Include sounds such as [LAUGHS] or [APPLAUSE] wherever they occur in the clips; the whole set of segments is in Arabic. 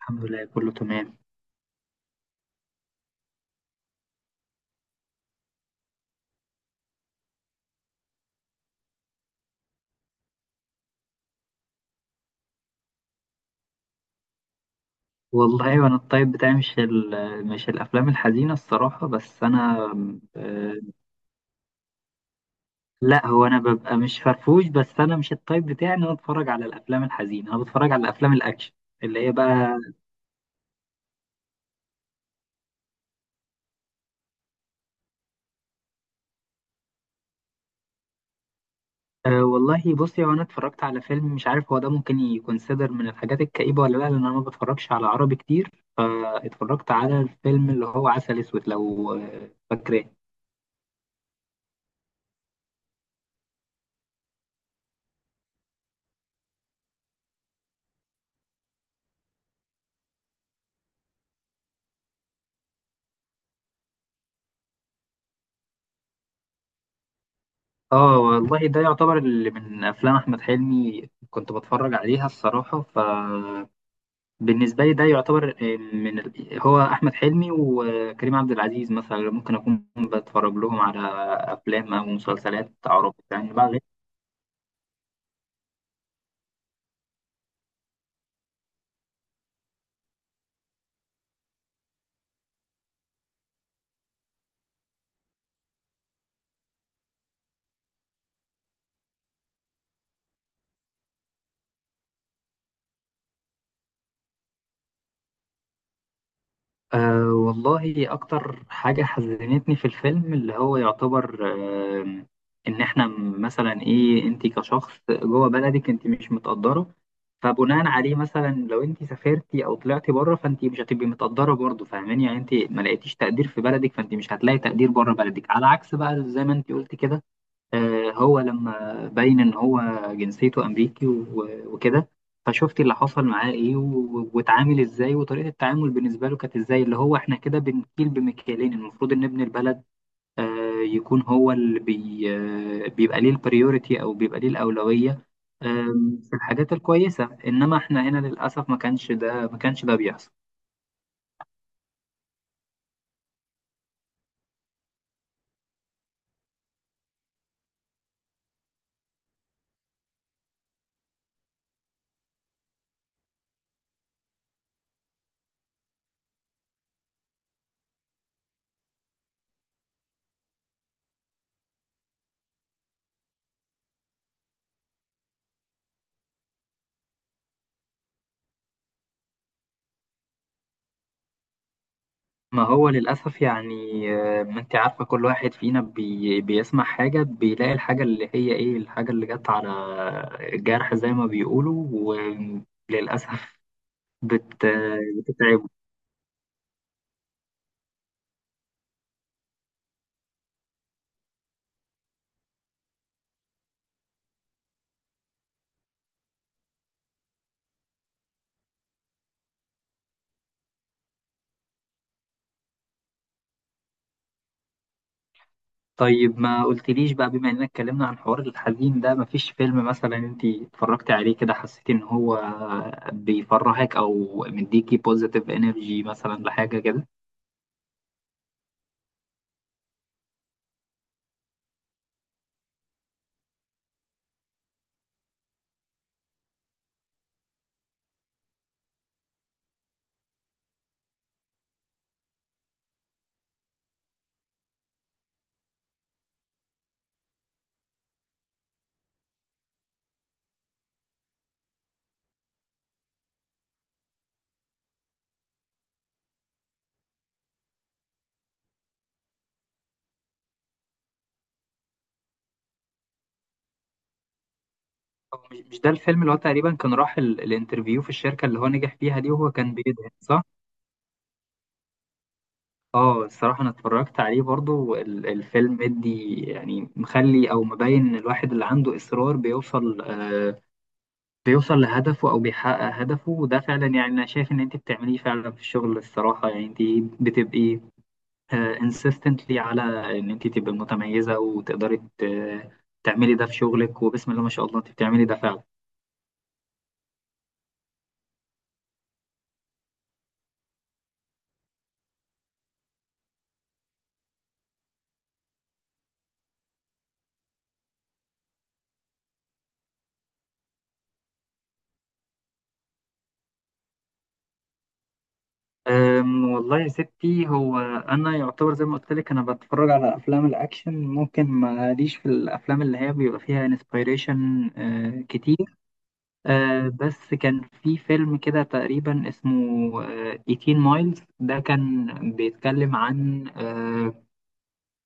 الحمد لله كله تمام. والله وانا الطيب بتاعي مش الافلام الحزينه الصراحه، بس انا. آه، لا، هو انا ببقى مش فرفوش، بس انا مش الطيب بتاعي ان انا اتفرج على الافلام الحزينه، انا بتفرج على الافلام الاكشن اللي هي بقى. والله بصي، هو انا اتفرجت على فيلم مش عارف هو ده ممكن يكونسيدر من الحاجات الكئيبه ولا لا، لان انا ما بتفرجش على عربي كتير. فاتفرجت على الفيلم اللي هو عسل اسود، لو فاكراه. اه والله، ده يعتبر اللي من افلام احمد حلمي كنت بتفرج عليها الصراحه. فبالنسبه لي ده يعتبر هو احمد حلمي وكريم عبد العزيز مثلا ممكن اكون بتفرج لهم على افلام او مسلسلات عربي يعني. والله، أكتر حاجة حزنتني في الفيلم اللي هو يعتبر أه إن إحنا مثلا، إيه، أنت كشخص جوه بلدك أنت مش متقدرة، فبناء عليه مثلا لو أنت سافرتي أو طلعتي بره فأنت مش هتبقي متقدرة برضه، فاهماني يعني؟ أنت ما لقيتيش تقدير في بلدك فأنت مش هتلاقي تقدير بره بلدك، على عكس بقى زي ما أنت قلت كده. هو لما بين ان هو جنسيته امريكي و- وكده، فشفت اللي حصل معاه ايه و- واتعامل ازاي، وطريقه التعامل بالنسبه له كانت ازاي. اللي هو احنا كده بنكيل بمكيالين، المفروض ان ابن البلد آه، يكون هو اللي بي آه، بيبقى ليه البريوريتي او بيبقى ليه الاولويه في الحاجات الكويسه، انما احنا هنا للاسف ما كانش ده بيحصل. ما هو للأسف يعني. ما أنت عارفة، كل واحد فينا بيسمع حاجة بيلاقي الحاجة اللي هي إيه، الحاجة اللي جت على الجرح زي ما بيقولوا. وللأسف بت آه، بتتعبه. طيب ما قلتليش بقى، بما إننا اتكلمنا عن حوار الحزين ده، مفيش فيلم مثلا أنت اتفرجتي عليه كده حسيتي إن هو بيفرحك أو مديكي بوزيتيف إنرجي مثلا، لحاجة كده؟ هو مش ده الفيلم اللي هو تقريبا كان راح الانترفيو في الشركة اللي هو نجح فيها دي، وهو كان بيدعي، صح؟ اه الصراحة أنا اتفرجت عليه برضو. الفيلم مدي يعني، مخلي أو مبين إن الواحد اللي عنده إصرار بيوصل، بيوصل لهدفه أو بيحقق هدفه. وده فعلا يعني أنا شايف إن أنت بتعمليه فعلا في الشغل، الصراحة يعني أنت بتبقي insistently على إن أنت تبقي متميزة، وتقدري تعملي ده في شغلك. وبسم الله ما شاء الله، أنت بتعملي ده فعلا. والله يا ستي، هو انا يعتبر زي ما قلت لك، انا بتفرج على افلام الاكشن، ممكن ماليش في الافلام اللي هي بيبقى فيها انسبيريشن كتير. بس كان في فيلم كده تقريبا اسمه 18 مايلز، ده كان بيتكلم عن أه،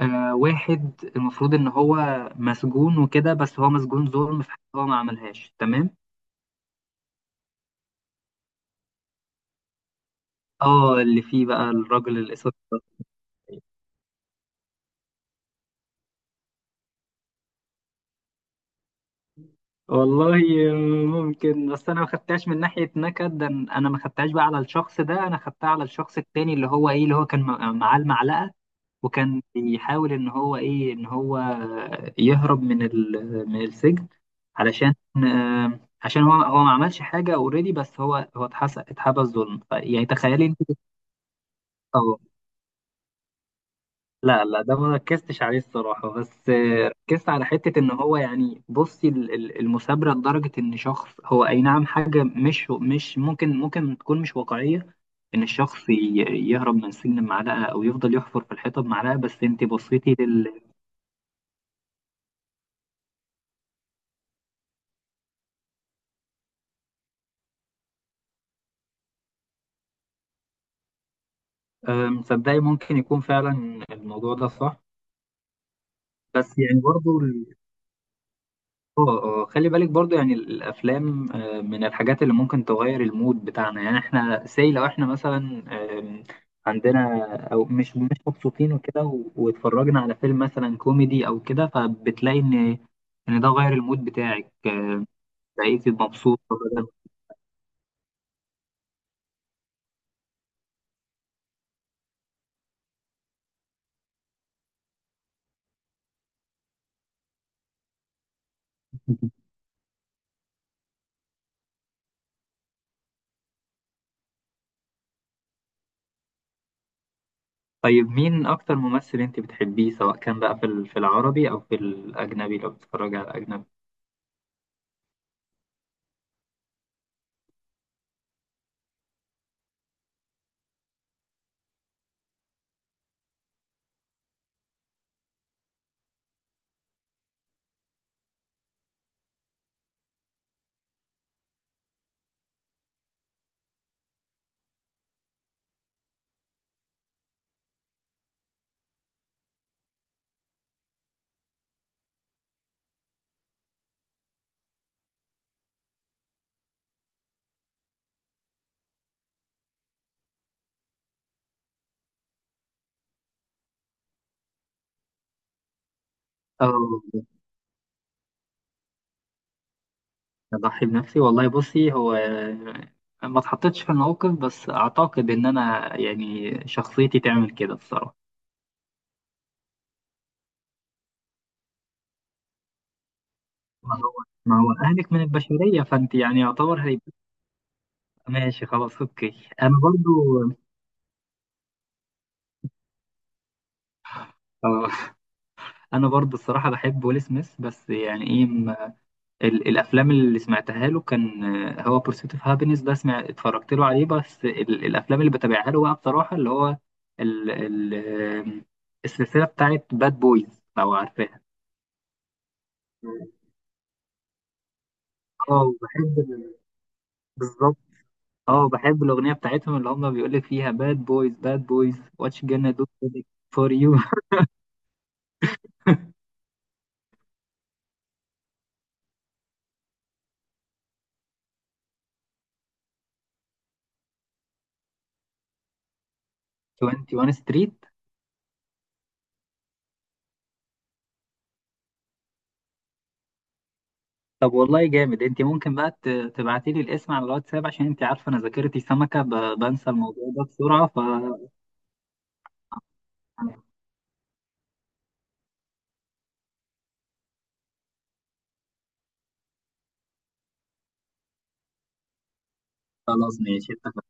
أه، واحد المفروض ان هو مسجون وكده، بس هو مسجون ظلم في حاجة هو ما عملهاش، تمام؟ اه، اللي فيه بقى الراجل الاسود. والله ممكن، بس انا ما خدتهاش من ناحيه نكد، ده انا ما خدتهاش بقى على الشخص ده، انا خدتها على الشخص التاني اللي هو، ايه، اللي هو كان معاه المعلقه، وكان بيحاول ان هو، ايه، ان هو يهرب من السجن. علشان عشان هو ما عملش حاجه اوريدي، بس هو اتحبس ظلم، يعني تخيلي انت. لا لا، ده ما ركزتش عليه الصراحة، بس ركزت على حتة ان هو يعني، بصي، المثابرة لدرجة ان شخص، هو اي نعم حاجة مش ممكن تكون مش واقعية ان الشخص يهرب من السجن بمعلقة، او يفضل يحفر في الحيطة بمعلقة، بس انت بصيتي لل مصدقي ممكن يكون فعلا الموضوع ده صح. بس يعني برضه، اه اه، خلي بالك برضو، يعني الافلام من الحاجات اللي ممكن تغير المود بتاعنا، يعني احنا لو احنا مثلا آم، عندنا، او مش مبسوطين وكده، و- واتفرجنا على فيلم مثلا كوميدي او كده، فبتلاقي ان ده غير المود بتاعك، بقيتي مبسوط [LAUGHS] بدل. طيب مين اكتر ممثل انت بتحبيه، سواء كان بقى في العربي او في الاجنبي، لو بتتفرجي على الاجنبي؟ اه، اضحي بنفسي. والله بصي، هو ما اتحطيتش في الموقف، بس اعتقد ان انا يعني شخصيتي تعمل كده الصراحه. ما هو ما هو اهلك من البشريه، فانت يعني يعتبر هيبقى. ماشي، خلاص، اوكي. انا برضو، آه، الصراحه بحب ويل سميث. بس يعني، ايه، الافلام اللي سمعتها له كان هو بورسيت اوف هابينس، ده اتفرجت له عليه. بس الافلام اللي بتابعها له بقى بصراحه، اللي هو ال ال آه، السلسله بتاعت باد بويز، لو عارفاها. اه، بالظبط، اه، بحب الأغنية بتاعتهم اللي هما بيقولك فيها: باد بويز باد بويز، واتش جانا دو فور يو. 21 ستريت. [LAUGHS] طب والله جامد. انت ممكن بقى تبعتي لي الاسم على الواتساب، عشان انت عارفة انا ذاكرتي سمكة، بنسى الموضوع ده بسرعة. فخلاص، ماشي، اتفقنا.